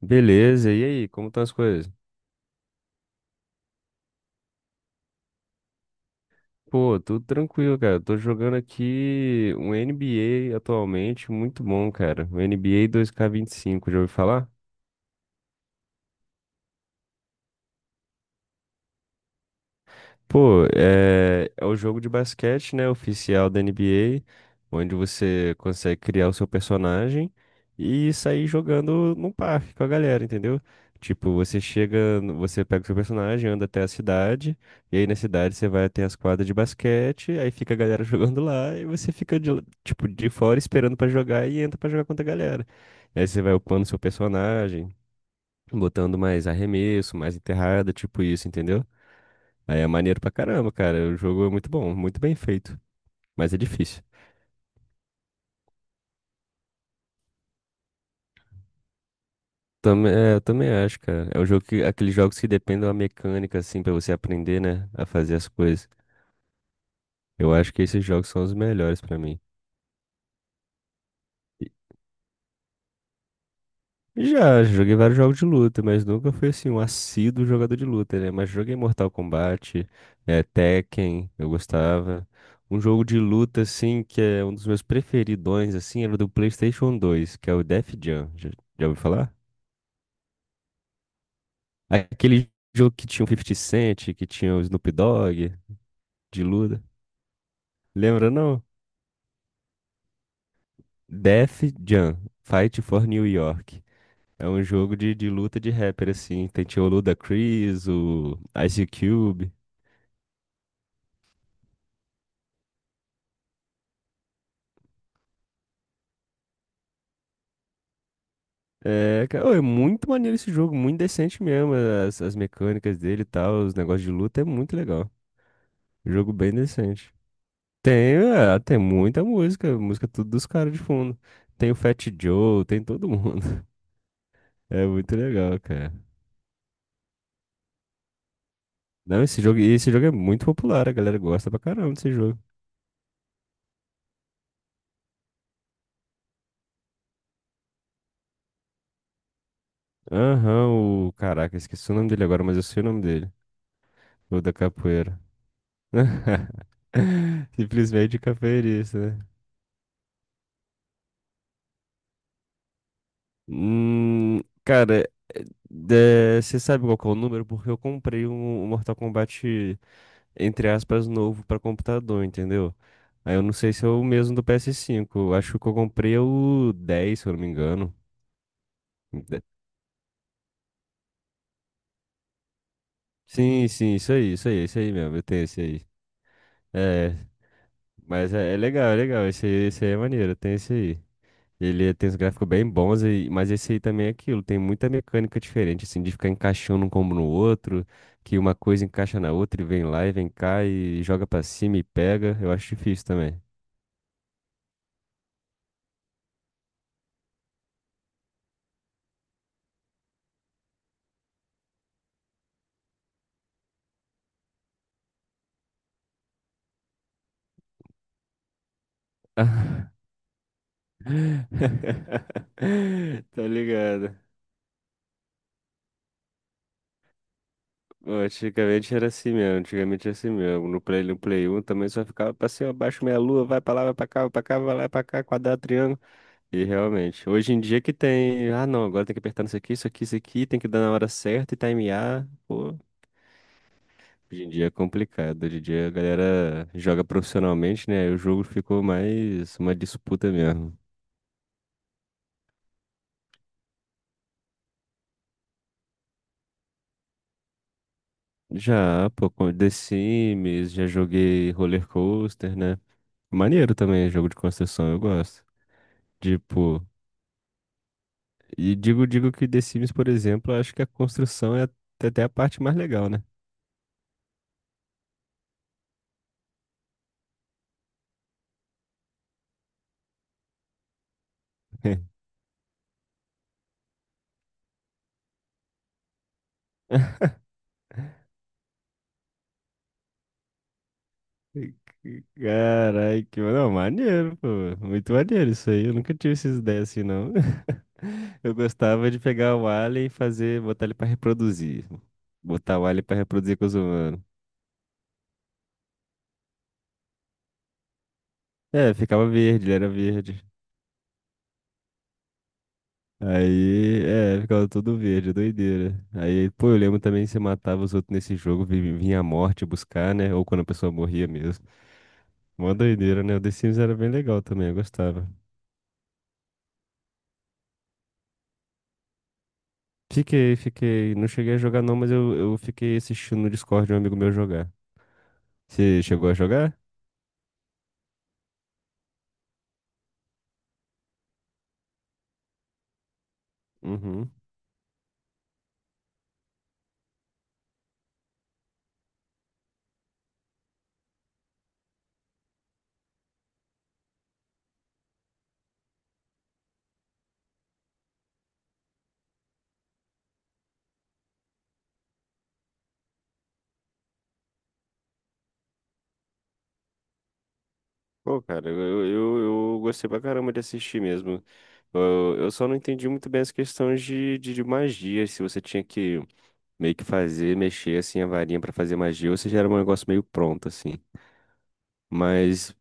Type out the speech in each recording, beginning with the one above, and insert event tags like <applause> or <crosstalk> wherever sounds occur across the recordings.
Beleza, e aí, como estão as coisas? Pô, tudo tranquilo, cara. Tô jogando aqui um NBA atualmente, muito bom, cara. O NBA 2K25, já ouviu falar? Pô, é o jogo de basquete, né, oficial da NBA, onde você consegue criar o seu personagem e sair jogando no parque com a galera, entendeu? Tipo, você chega, você pega o seu personagem, anda até a cidade, e aí na cidade você vai até as quadras de basquete, aí fica a galera <laughs> jogando lá, e você fica de, tipo, de fora esperando pra jogar e entra pra jogar contra a galera. Aí você vai upando seu personagem, botando mais arremesso, mais enterrada, tipo isso, entendeu? Aí é maneiro pra caramba, cara. O jogo é muito bom, muito bem feito, mas é difícil. Também, é, eu também acho, cara. É um jogo que, aqueles jogos que dependem da mecânica, assim, pra você aprender, né, a fazer as coisas. Eu acho que esses jogos são os melhores pra mim. E- já, joguei vários jogos de luta, mas nunca fui, assim, um assíduo jogador de luta, né? Mas joguei Mortal Kombat, é, Tekken, eu gostava. Um jogo de luta, assim, que é um dos meus preferidões, assim, era o do PlayStation 2, que é o Def Jam. Já, ouviu falar? Aquele jogo que tinha o Fifty Cent, que tinha o Snoop Dogg, de luta, lembra, não? Def Jam, Fight for New York. É um jogo de luta de rapper, assim. Tem tinha o Ludacris, o Ice Cube. É, cara, ô, é muito maneiro esse jogo, muito decente mesmo. As mecânicas dele e tal, os negócios de luta é muito legal. Jogo bem decente. Tem, é, tem muita música, música tudo dos caras de fundo. Tem o Fat Joe, tem todo mundo. <laughs> É muito legal, cara. Não, esse jogo é muito popular, a galera gosta pra caramba desse jogo. Aham, o. Caraca, esqueci o nome dele agora, mas eu sei o nome dele. O da capoeira. <laughs> Simplesmente capoeirista, né? Cara, é, você sabe qual que é o número? Porque eu comprei um, um Mortal Kombat, entre aspas, novo pra computador, entendeu? Aí eu não sei se é o mesmo do PS5. Eu acho que eu comprei é o 10, se eu não me engano. De- Sim, sim, isso aí, isso aí mesmo. Eu tenho esse aí. É, mas é legal, é legal. Esse aí é maneiro, tem esse aí. Ele tem uns gráficos bem bons, mas esse aí também é aquilo. Tem muita mecânica diferente, assim, de ficar encaixando um combo no outro, que uma coisa encaixa na outra e vem lá e vem cá e joga pra cima e pega. Eu acho difícil também. <laughs> Tá ligado? Bom, antigamente era assim mesmo, antigamente era assim mesmo. No Play, no Play 1 também só ficava pra cima, abaixo, meia lua, vai pra lá, vai pra cá, vai pra cá, vai lá, pra cá, quadrado, triângulo. E realmente, hoje em dia que tem, ah não, agora tem que apertar isso aqui, isso aqui, isso aqui, tem que dar na hora certa e timear. Pô, hoje em dia é complicado. Hoje em dia a galera joga profissionalmente, né? Aí o jogo ficou mais uma disputa mesmo. Já, pô, com The Sims, já joguei Roller Coaster, né? Maneiro também, jogo de construção, eu gosto. Tipo, e digo, digo que The Sims, por exemplo, eu acho que a construção é até a parte mais legal, né? <laughs> Carai, que não, maneiro, pô. Muito maneiro isso aí. Eu nunca tive essas ideias assim, não. <laughs> Eu gostava de pegar o alien e fazer, botar ele pra reproduzir. Botar o alien pra reproduzir com os humanos. É, ficava verde, ele era verde. Aí, é, ficava todo verde, doideira. Aí, pô, eu lembro também que você matava os outros nesse jogo, vinha a morte buscar, né? Ou quando a pessoa morria mesmo. Mó doideira, né? O The Sims era bem legal também, eu gostava. Fiquei, fiquei. Não cheguei a jogar não, mas eu fiquei assistindo no Discord de um amigo meu jogar. Você chegou a jogar? Uhum. Pô, cara, eu gostei pra caramba de assistir mesmo. Eu só não entendi muito bem as questões de magia, se você tinha que meio que fazer, mexer assim a varinha pra fazer magia, ou se já era um negócio meio pronto, assim. Mas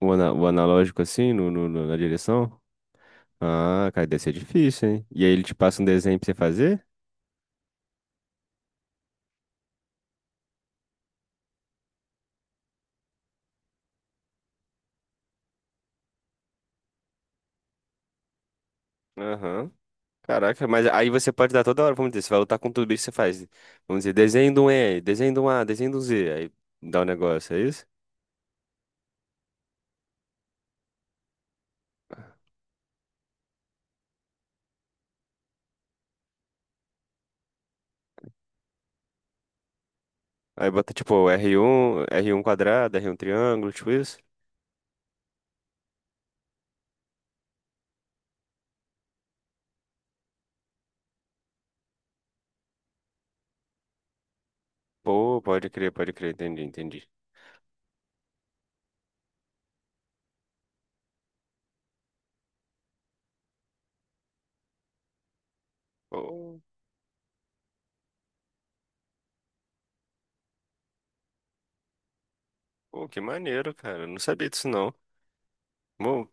o, o analógico, assim, na direção? Ah, cara, deve ser difícil, hein? E aí ele te passa um desenho pra você fazer? Aham. Caraca, mas aí você pode dar toda hora, vamos dizer, você vai lutar com tudo bicho, você faz, vamos dizer, desenho de um E, desenho de um A, desenho de um Z, aí dá um negócio, é isso? Aí bota tipo r um quadrado, r um triângulo, tipo isso? Pô, pode crer, entendi, entendi. Pô, pô, que maneiro, cara, eu não sabia disso não. Bom,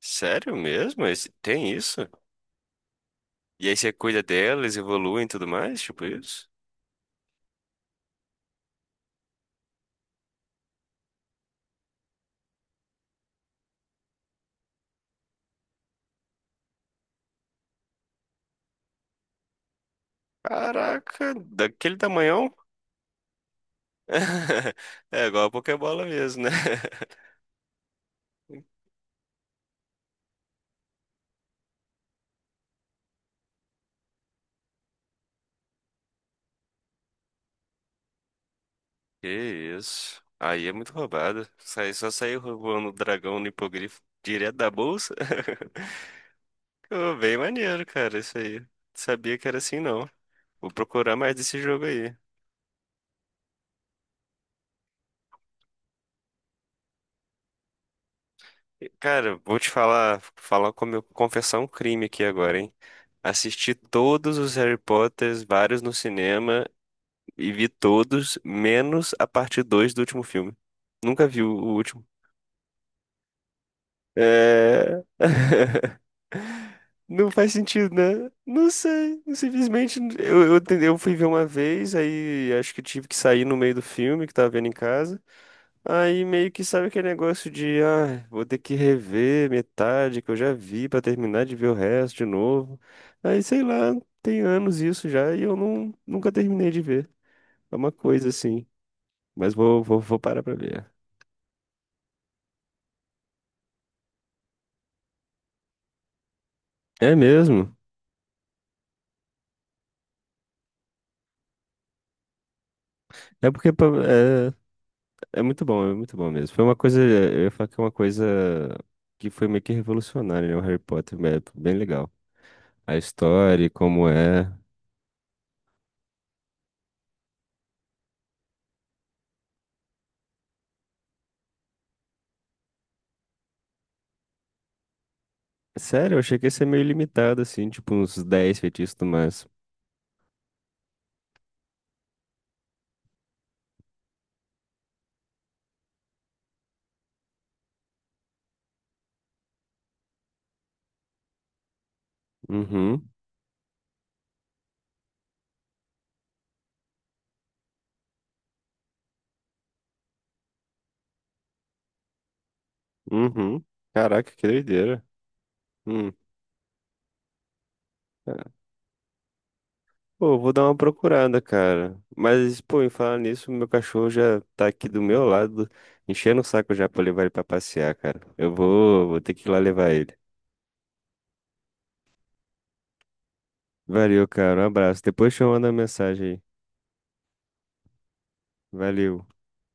sério mesmo? Esse- Tem isso? E aí você cuida delas, evoluem e tudo mais, tipo isso? Caraca, daquele tamanhão? <laughs> É igual a Pokébola mesmo, né? <laughs> Que isso. Aí é muito roubado. Sai- Só saiu roubando o dragão no hipogrifo direto da bolsa. <laughs> Ô, bem maneiro, cara, isso aí. Não sabia que era assim, não. Vou procurar mais desse jogo aí. E, cara, vou te falar, falar como eu confessar um crime aqui agora, hein? Assisti todos os Harry Potters, vários no cinema, e vi todos, menos a parte 2 do último filme. Nunca vi o último. É. <laughs> Não faz sentido, né? Não sei. Simplesmente eu fui ver uma vez, aí acho que tive que sair no meio do filme que tava vendo em casa. Aí meio que sabe aquele negócio de, ah, vou ter que rever metade que eu já vi pra terminar de ver o resto de novo. Aí sei lá, tem anos isso já e eu não, nunca terminei de ver. É uma coisa assim. Mas vou parar pra ver. É mesmo? É porque é muito bom, é muito bom mesmo. Foi uma coisa, eu ia falar que é uma coisa que foi meio que revolucionária, né? O Harry Potter, é bem legal. A história, e como é. Sério, eu achei que ia ser meio limitado, assim, tipo uns 10 feitiços no máximo. Uhum, uhum. Caraca, que doideira. Hum. Ah, pô, vou dar uma procurada, cara. Mas, pô, em falar nisso, meu cachorro já tá aqui do meu lado, enchendo o saco já pra eu levar ele pra passear, cara. Eu vou, vou ter que ir lá levar ele. Valeu, cara. Um abraço. Depois te manda mensagem aí. Valeu.